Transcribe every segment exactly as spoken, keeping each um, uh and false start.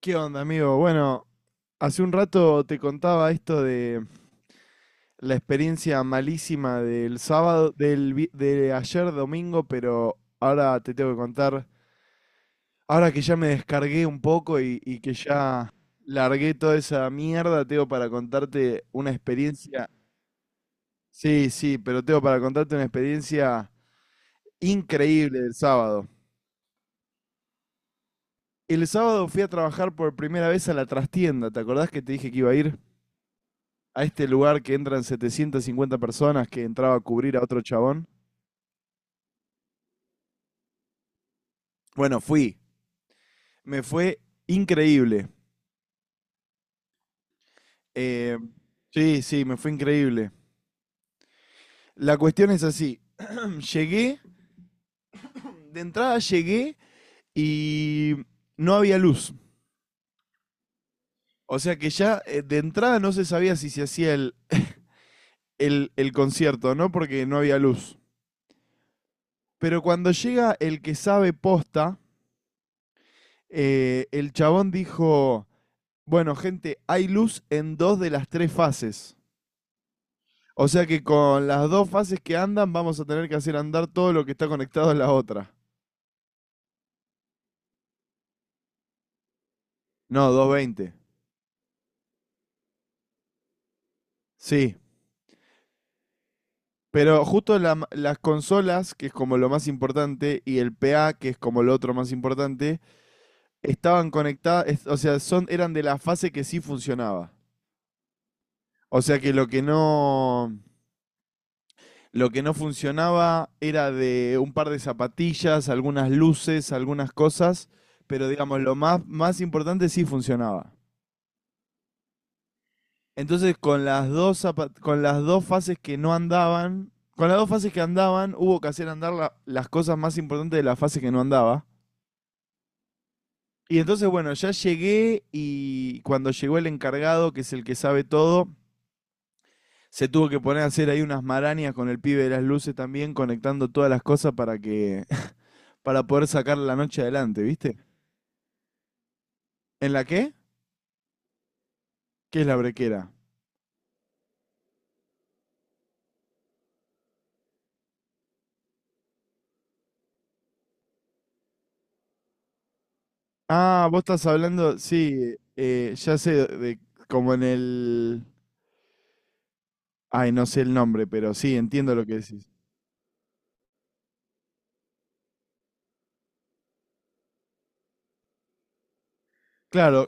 ¿Qué onda, amigo? Bueno, hace un rato te contaba esto de la experiencia malísima del sábado, del, vi- de ayer domingo, pero ahora te tengo que contar, ahora que ya me descargué un poco y, y que ya largué toda esa mierda, tengo para contarte una experiencia, sí, sí, pero tengo para contarte una experiencia increíble del sábado. El sábado fui a trabajar por primera vez a la trastienda, ¿te acordás que te dije que iba a ir? A este lugar que entran setecientas cincuenta personas que entraba a cubrir a otro chabón. Bueno, fui. Me fue increíble. Eh, sí, sí, me fue increíble. La cuestión es así. Llegué, de entrada llegué y no había luz. O sea que ya eh, de entrada no se sabía si se hacía el, el, el concierto, ¿no? Porque no había luz. Pero cuando llega el que sabe posta, eh, el chabón dijo, bueno, gente, hay luz en dos de las tres fases. O sea que con las dos fases que andan vamos a tener que hacer andar todo lo que está conectado a la otra. No, doscientos veinte. Sí. Pero justo la las consolas, que es como lo más importante, y el P A, que es como lo otro más importante, estaban conectadas, es- o sea, son, eran de la fase que sí funcionaba. O sea que lo que no, lo que no funcionaba era de un par de zapatillas, algunas luces, algunas cosas, pero digamos, lo más, más importante sí funcionaba. Entonces, con las dos zapa- con las dos fases que no andaban, con las dos fases que andaban, hubo que hacer andar la- las cosas más importantes de la fase que no andaba. Y entonces, bueno, ya llegué y cuando llegó el encargado, que es el que sabe todo, se tuvo que poner a hacer ahí unas marañas con el pibe de las luces también, conectando todas las cosas para que para poder sacar la noche adelante, ¿viste? ¿En la qué? ¿Qué es la brequera? Ah, vos estás hablando, sí, eh, ya sé, de, como en el Ay, no sé el nombre, pero sí, entiendo lo que decís. Claro,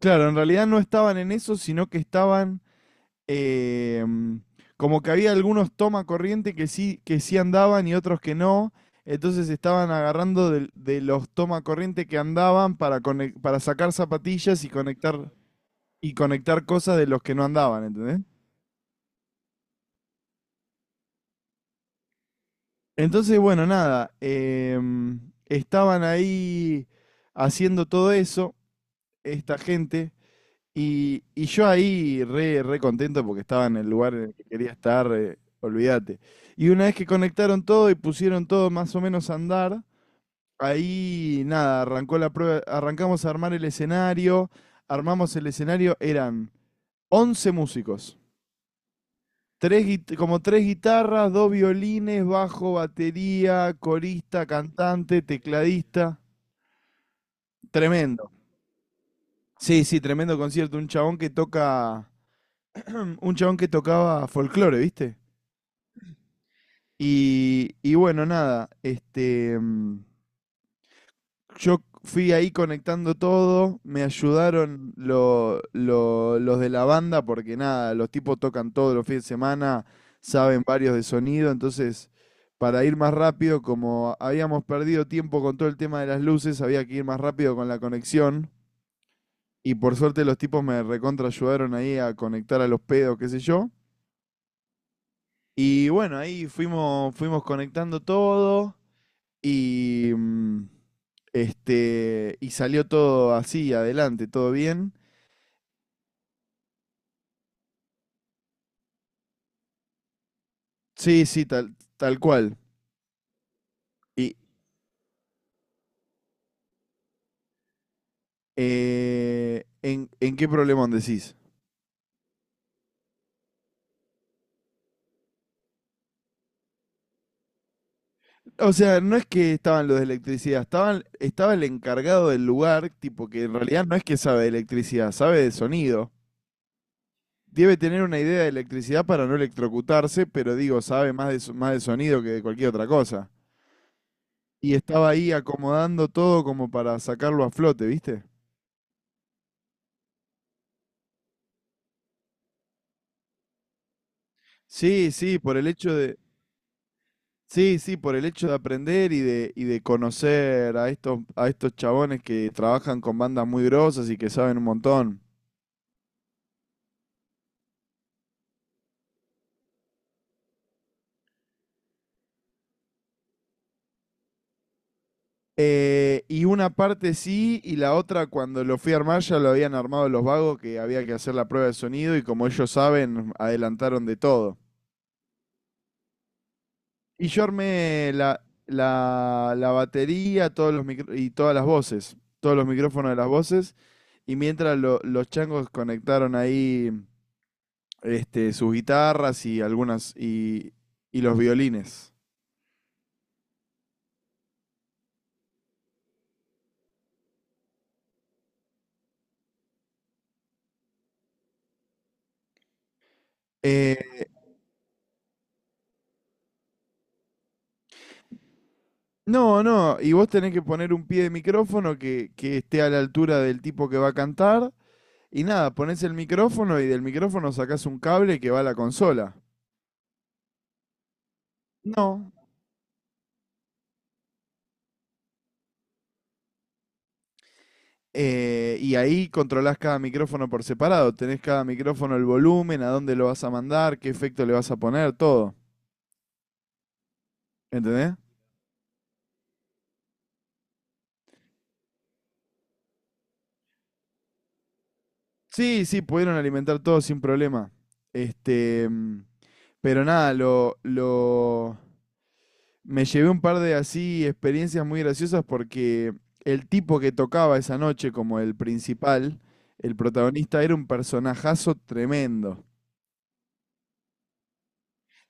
claro, en realidad no estaban en eso, sino que estaban eh, mm, como que había algunos toma corriente que sí, que sí andaban y otros que no. Entonces estaban agarrando del- de, los toma corriente que andaban para, conec- para sacar zapatillas y conectar, y conectar cosas de los que no andaban, ¿entendés? Entonces, bueno, nada, em, estaban ahí haciendo todo eso, esta gente. Y, y yo ahí re, re contento porque estaba en el lugar en el que quería estar, eh, olvídate. Y una vez que conectaron todo y pusieron todo más o menos a andar, ahí nada, arrancó la prueba, arrancamos a armar el escenario, armamos el escenario, eran once músicos, tres, guit- como tres guitarras, dos violines, bajo, batería, corista, cantante, tecladista, tremendo. Sí, sí, tremendo concierto, un chabón que toca, un chabón que tocaba folclore, ¿viste? Y, y bueno, nada, este, mm, yo fui ahí conectando todo, me ayudaron lo- lo- los de la banda, porque nada, los tipos tocan todos los fines de semana, saben varios de sonido, entonces para ir más rápido, como habíamos perdido tiempo con todo el tema de las luces, había que ir más rápido con la conexión, y por suerte los tipos me recontra ayudaron ahí a conectar a los pedos, qué sé yo. Y bueno, ahí fuimos, fuimos conectando todo. Y, mm, este, y salió todo así, adelante, todo bien. Sí, sí, tal, tal cual. ¿Y eh, ¿en, en qué problemón decís? O sea, no es que estaban los de electricidad, estaban, estaba el encargado del lugar, tipo que en realidad no es que sabe de electricidad, sabe de sonido. Debe tener una idea de electricidad para no electrocutarse, pero digo, sabe más de, so- más de sonido que de cualquier otra cosa. Y estaba ahí acomodando todo como para sacarlo a flote, ¿viste? Sí, sí, por el hecho de, sí, sí, por el hecho de aprender y de, y de conocer a estos, a estos chabones que trabajan con bandas muy grosas y que saben un montón. Eh, y una parte sí, y la otra cuando lo fui a armar ya lo habían armado los vagos que había que hacer la prueba de sonido y como ellos saben, adelantaron de todo. Y yo armé la, la, la batería todos los micro- y todas las voces, todos los micrófonos de las voces, y mientras lo- los changos conectaron ahí este, sus guitarras y algunas y, y los violines. Eh, no, no, y vos tenés que poner un pie de micrófono que, que esté a la altura del tipo que va a cantar. Y nada, pones el micrófono y del micrófono sacás un cable que va a la consola. No. eh, y ahí controlás cada micrófono por separado. Tenés cada micrófono el volumen, a dónde lo vas a mandar, qué efecto le vas a poner, todo. ¿Entendés? Sí, sí, pudieron alimentar todo sin problema. Este, mm, pero nada, lo, lo, me llevé un par de así experiencias muy graciosas porque el tipo que tocaba esa noche como el principal, el protagonista, era un personajazo tremendo.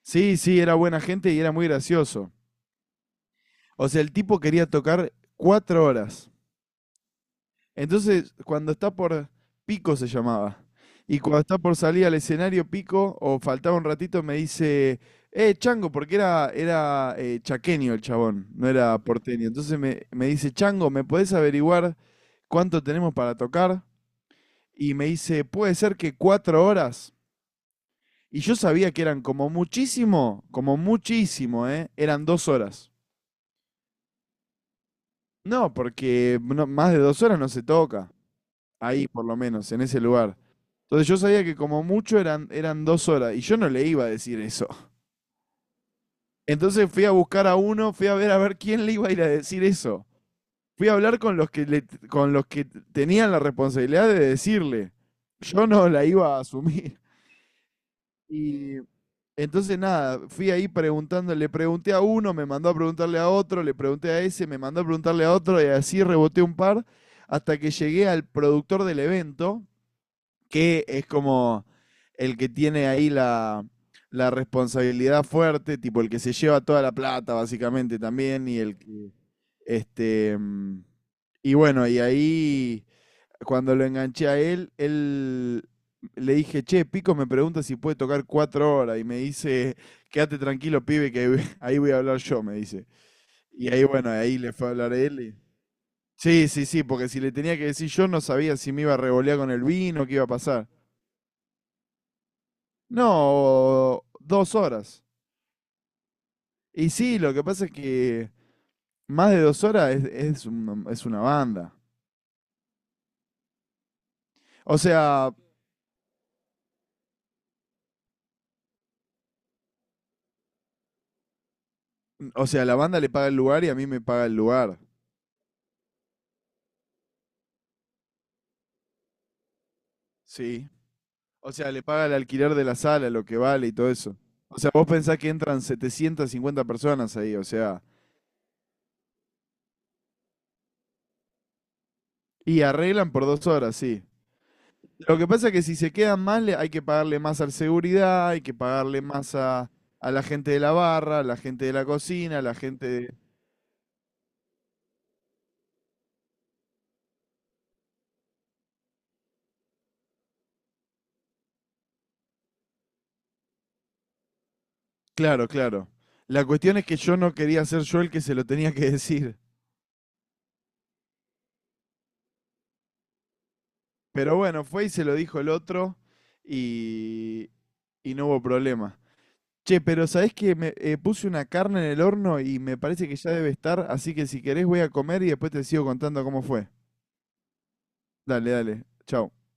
Sí, sí, era buena gente y era muy gracioso. O sea, el tipo quería tocar cuatro horas. Entonces, cuando está por Pico se llamaba. Y cuando está por salir al escenario Pico, o faltaba un ratito, me dice, eh, Chango, porque era, era eh, chaqueño el chabón, no era porteño. Entonces me, me dice, Chango, ¿me podés averiguar cuánto tenemos para tocar? Y me dice, puede ser que cuatro horas. Y yo sabía que eran como muchísimo, como muchísimo, ¿eh? Eran dos horas. No, porque no- más de dos horas no se toca. Ahí por lo menos, en ese lugar. Entonces yo sabía que como mucho eran, eran dos horas y yo no le iba a decir eso. Entonces fui a buscar a uno, fui a ver a ver quién le iba a ir a decir eso. Fui a hablar con los que, le, con los que tenían la responsabilidad de decirle. Yo no la iba a asumir. Y entonces nada, fui ahí preguntando, le pregunté a uno, me mandó a preguntarle a otro, le pregunté a ese, me mandó a preguntarle a otro y así reboté un par hasta que llegué al productor del evento, que es como el que tiene ahí la, la responsabilidad fuerte, tipo el que se lleva toda la plata, básicamente también, y el que. Este. mm, Y bueno, y ahí, cuando lo enganché a él, él le dije, che, Pico me pregunta si puede tocar cuatro horas, y me dice, quédate tranquilo, pibe, que ahí voy- ahí voy a hablar yo, me dice. Y ahí, bueno, ahí le fue a hablar él. y- Sí, sí, sí, porque si le tenía que decir yo, no sabía si me iba a revolear con el vino, qué iba a pasar. No, dos horas. Y sí, lo que pasa es que más de dos horas es, es una, es una banda. O sea, o sea, la banda le paga el lugar y a mí me paga el lugar. Sí. O sea, le paga el alquiler de la sala, lo que vale y todo eso. O sea, vos pensás que entran setecientas cincuenta personas ahí, o sea, y arreglan por dos horas, sí. Lo que pasa es que si se quedan más, le- hay que pagarle más al seguridad, hay que pagarle más a, a la gente de la barra, a la gente de la cocina, a la gente de, Claro, claro. La cuestión es que yo no quería ser yo el que se lo tenía que decir. Pero bueno, fue y se lo dijo el otro y, y no hubo problema. Che, pero ¿sabés que Me eh, puse una carne en el horno y me parece que ya debe estar, así que si querés voy a comer y después te sigo contando cómo fue. Dale, dale. Chau.